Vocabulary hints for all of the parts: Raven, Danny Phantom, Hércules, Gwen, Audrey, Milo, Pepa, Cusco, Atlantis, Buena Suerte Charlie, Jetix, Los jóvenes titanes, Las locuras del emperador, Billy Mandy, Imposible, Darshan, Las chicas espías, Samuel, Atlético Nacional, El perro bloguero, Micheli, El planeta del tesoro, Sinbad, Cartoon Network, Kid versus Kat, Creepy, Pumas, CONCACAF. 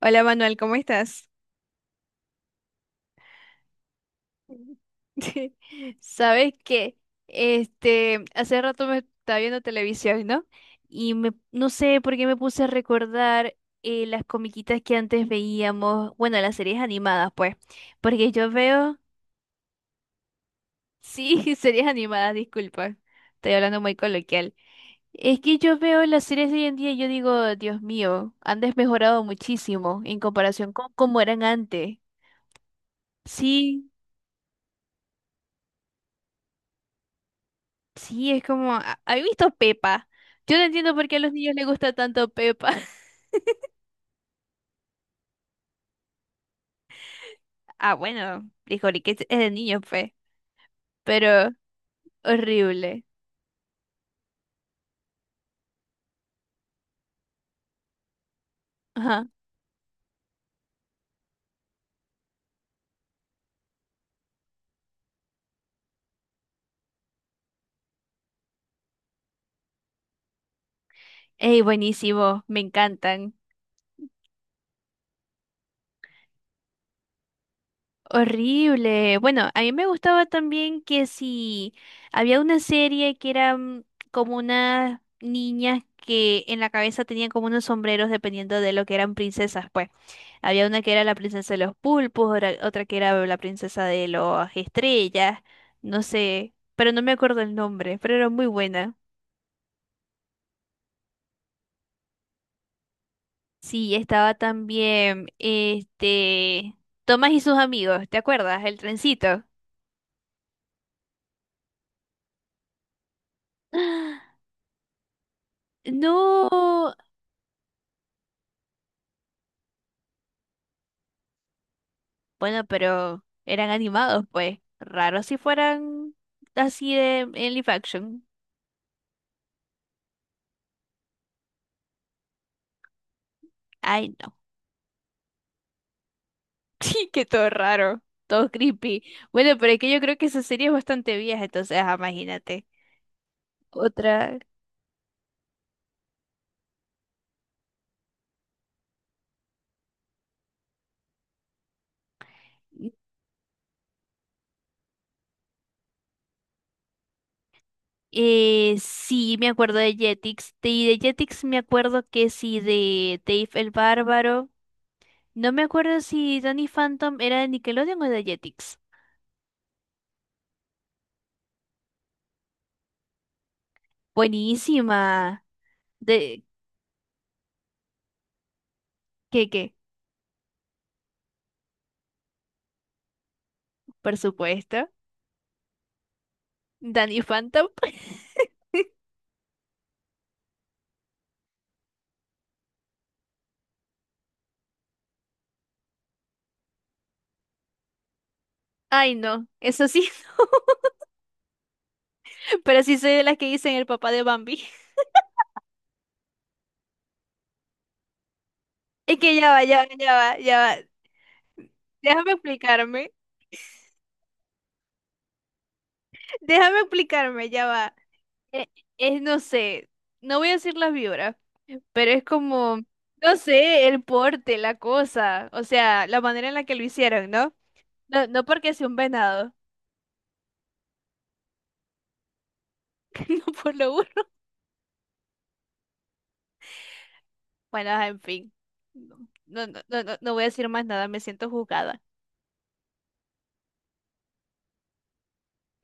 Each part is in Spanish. Hola Manuel, ¿cómo estás? Sabes que hace rato me estaba viendo televisión, ¿no? Y me no sé por qué me puse a recordar las comiquitas que antes veíamos, bueno, las series animadas, pues, porque yo veo, sí, series animadas, disculpa, estoy hablando muy coloquial. Es que yo veo las series de hoy en día y yo digo, Dios mío, han desmejorado muchísimo en comparación con cómo eran antes. Sí. Sí, es como, ¿habéis visto Pepa? Yo no entiendo por qué a los niños les gusta tanto Pepa. Ah, bueno, dijo que es de niños, fe. Pero horrible. Ajá. Ey, buenísimo, me encantan. Horrible. Bueno, a mí me gustaba también que si había una serie que eran como unas niñas que en la cabeza tenían como unos sombreros dependiendo de lo que eran princesas, pues. Había una que era la princesa de los pulpos, otra que era la princesa de las estrellas, no sé, pero no me acuerdo el nombre, pero era muy buena. Sí, estaba también Tomás y sus amigos, ¿te acuerdas? El trencito. No. Bueno, pero eran animados, pues. Raro si fueran así de en live action. Ay, no. Sí, que todo raro, todo creepy. Bueno, pero es que yo creo que esa serie es bastante vieja, entonces, ajá, imagínate. Otra. Sí, me acuerdo de Jetix. De, y de Jetix me acuerdo que sí, de Dave el Bárbaro. No me acuerdo si Danny Phantom era de Nickelodeon o de Jetix. Buenísima. De, ¿qué, qué? Por supuesto. Danny Phantom. Ay, no, eso sí, no. Pero sí soy de las que dicen el papá de Bambi. Es que ya va, ya va, ya va, ya va. Déjame explicarme. Déjame explicarme, ya va. Eh, Es, no sé, no voy a decir las vibras, pero es como, no sé, el porte, la cosa, o sea, la manera en la que lo hicieron, ¿no? No, no porque sea un venado, no por lo uno. Bueno, ajá, en fin. No, no, no, no, no voy a decir más nada, me siento juzgada.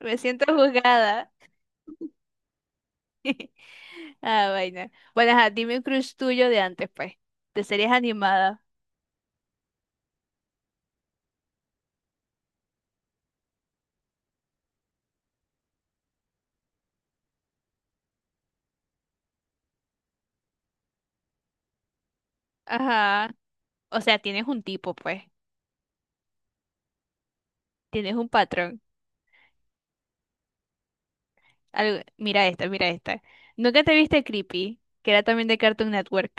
Me siento juzgada. Ah, vaina. Bueno, ajá, dime un crush tuyo de antes, pues. De series animadas. Ajá. O sea, tienes un tipo, pues. Tienes un patrón. Mira esta, mira esta. ¿Nunca te viste Creepy? Que era también de Cartoon Network.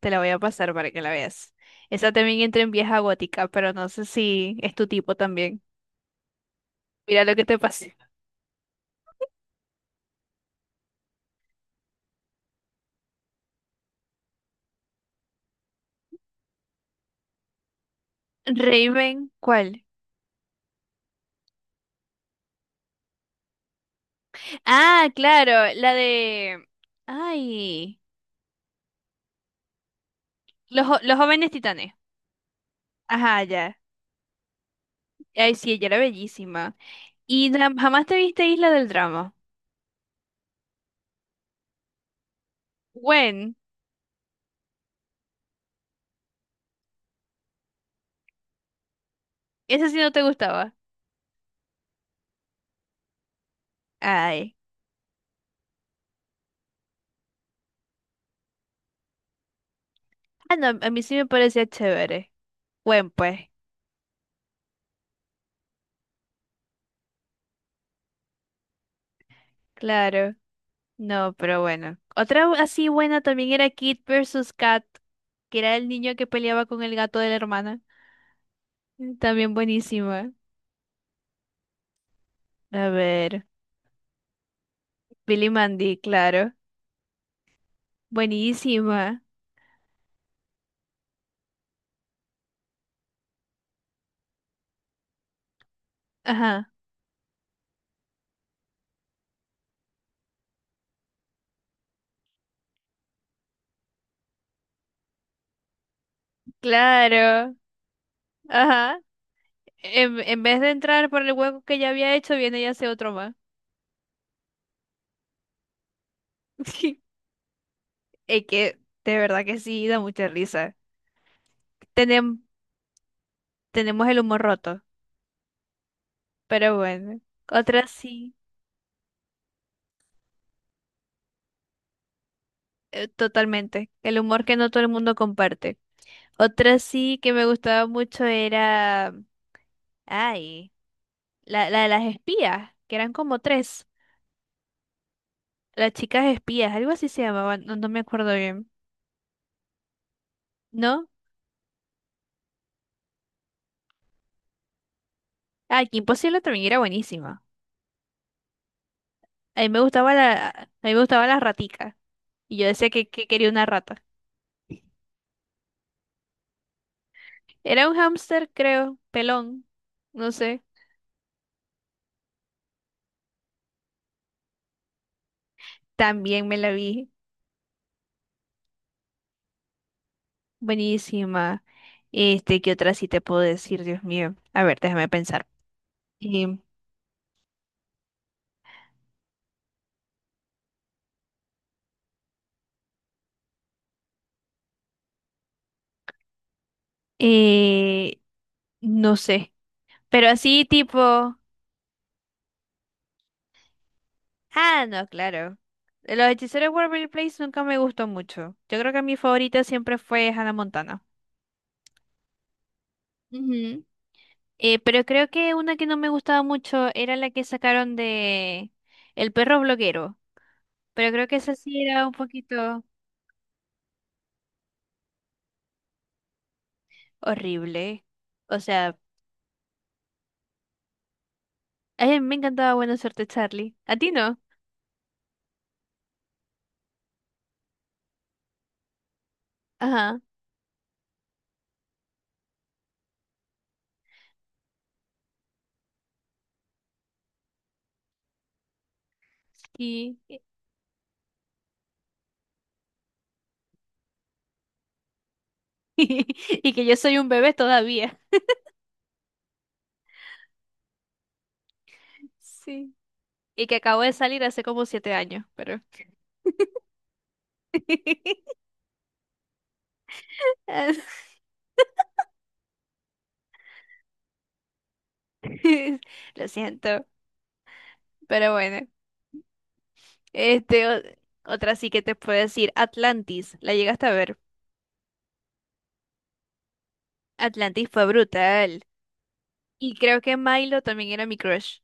Te la voy a pasar para que la veas. Esa también entra en vieja gótica, pero no sé si es tu tipo también. Mira lo que te pasé. Raven, ¿cuál? Ah, claro, la de... Ay, los jóvenes titanes. Ajá, ya. Ay, sí, ella era bellísima. ¿Y jamás te viste Isla del Drama? Gwen, ese sí no te gustaba. Ay. Ah, no, a mí sí me parecía chévere. Gwen, pues. Claro. No, pero bueno. Otra así buena también era Kid versus Kat, que era el niño que peleaba con el gato de la hermana. Mm, también buenísima. A ver. Billy Mandy, claro. Buenísima. Ajá. Claro. Ajá. En vez de entrar por el hueco que ya había hecho, viene y hace otro más. Sí, es que de verdad que sí, da mucha risa. Tenem- tenemos el humor roto, pero bueno. Otra sí, totalmente. El humor que no todo el mundo comparte. Otra sí que me gustaba mucho era, ay, la de las espías, que eran como tres. Las chicas espías, algo así se llamaban, no, no me acuerdo bien. ¿No? Ah, que Imposible también era buenísima. A mí me gustaba la, a mí me gustaba la ratica. Y yo decía que quería una rata. Era un hámster, creo, pelón, no sé. También me la vi. Buenísima. Este, ¿qué otra sí te puedo decir, Dios mío? A ver, déjame pensar. Em, eh, no sé. Pero así tipo. Ah, no, claro. De Los hechiceros de Waverly Place nunca me gustó mucho. Yo creo que mi favorita siempre fue Hannah Montana. Ujú. Pero creo que una que no me gustaba mucho era la que sacaron de El perro bloguero. Pero creo que esa sí era un poquito. Horrible. O sea, a mí me encantaba Buena Suerte Charlie. ¿A ti no? Ajá. Y, y que yo soy un bebé todavía. Sí. Y que acabo de salir hace como 7 años, pero... Lo siento, pero bueno. Este, otra sí que te puedo decir, Atlantis. ¿La llegaste a ver? Atlantis fue brutal. Y creo que Milo también era mi crush.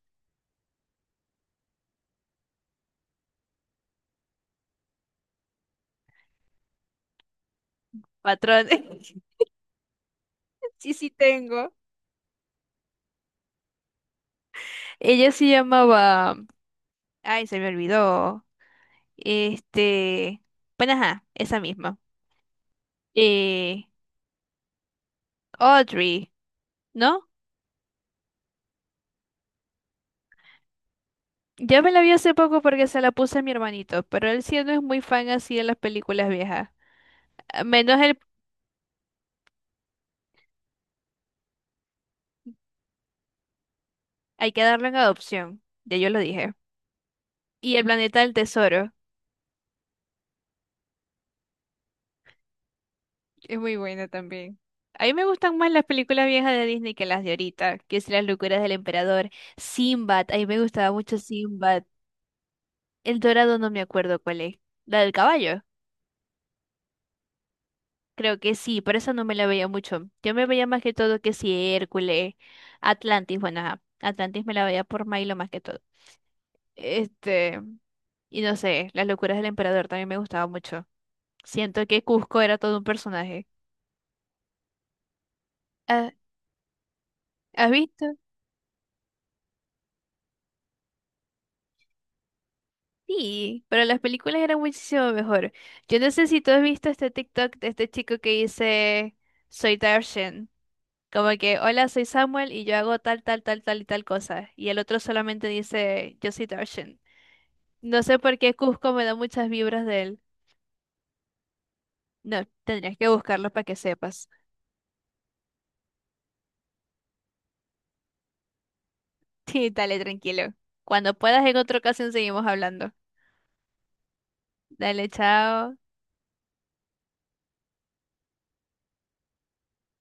Patrón. Sí, sí tengo. Ella se llamaba... Ay, se me olvidó. Este, bueno, ajá, esa misma. Eh, Audrey, ¿no? Yo me la vi hace poco porque se la puse a mi hermanito, pero él sí no es muy fan así de las películas viejas. A Menos el. Hay que darlo en adopción, ya yo lo dije. Y El planeta del tesoro, es muy buena también. A mí me gustan más las películas viejas de Disney que las de ahorita, que es Las locuras del emperador, Sinbad, a mí me gustaba mucho Sinbad. El Dorado no me acuerdo cuál es. La del caballo. Creo que sí, pero esa no me la veía mucho. Yo me veía más que todo que si Hércules, Atlantis, bueno, ajá, Atlantis me la veía por Milo más que todo. Este, y no sé, las locuras del emperador también me gustaba mucho. Siento que Cusco era todo un personaje. Ah, ¿has visto? Sí, pero las películas eran muchísimo mejor. Yo no sé si tú has visto este TikTok de este chico que dice, soy Darshan. Como que, hola, soy Samuel y yo hago tal, tal, tal, tal y tal cosa. Y el otro solamente dice, yo soy Darshan. No sé por qué Cusco me da muchas vibras de él. No, tendrías que buscarlo para que sepas. Sí, dale, tranquilo. Cuando puedas, en otra ocasión seguimos hablando. Dale, chao.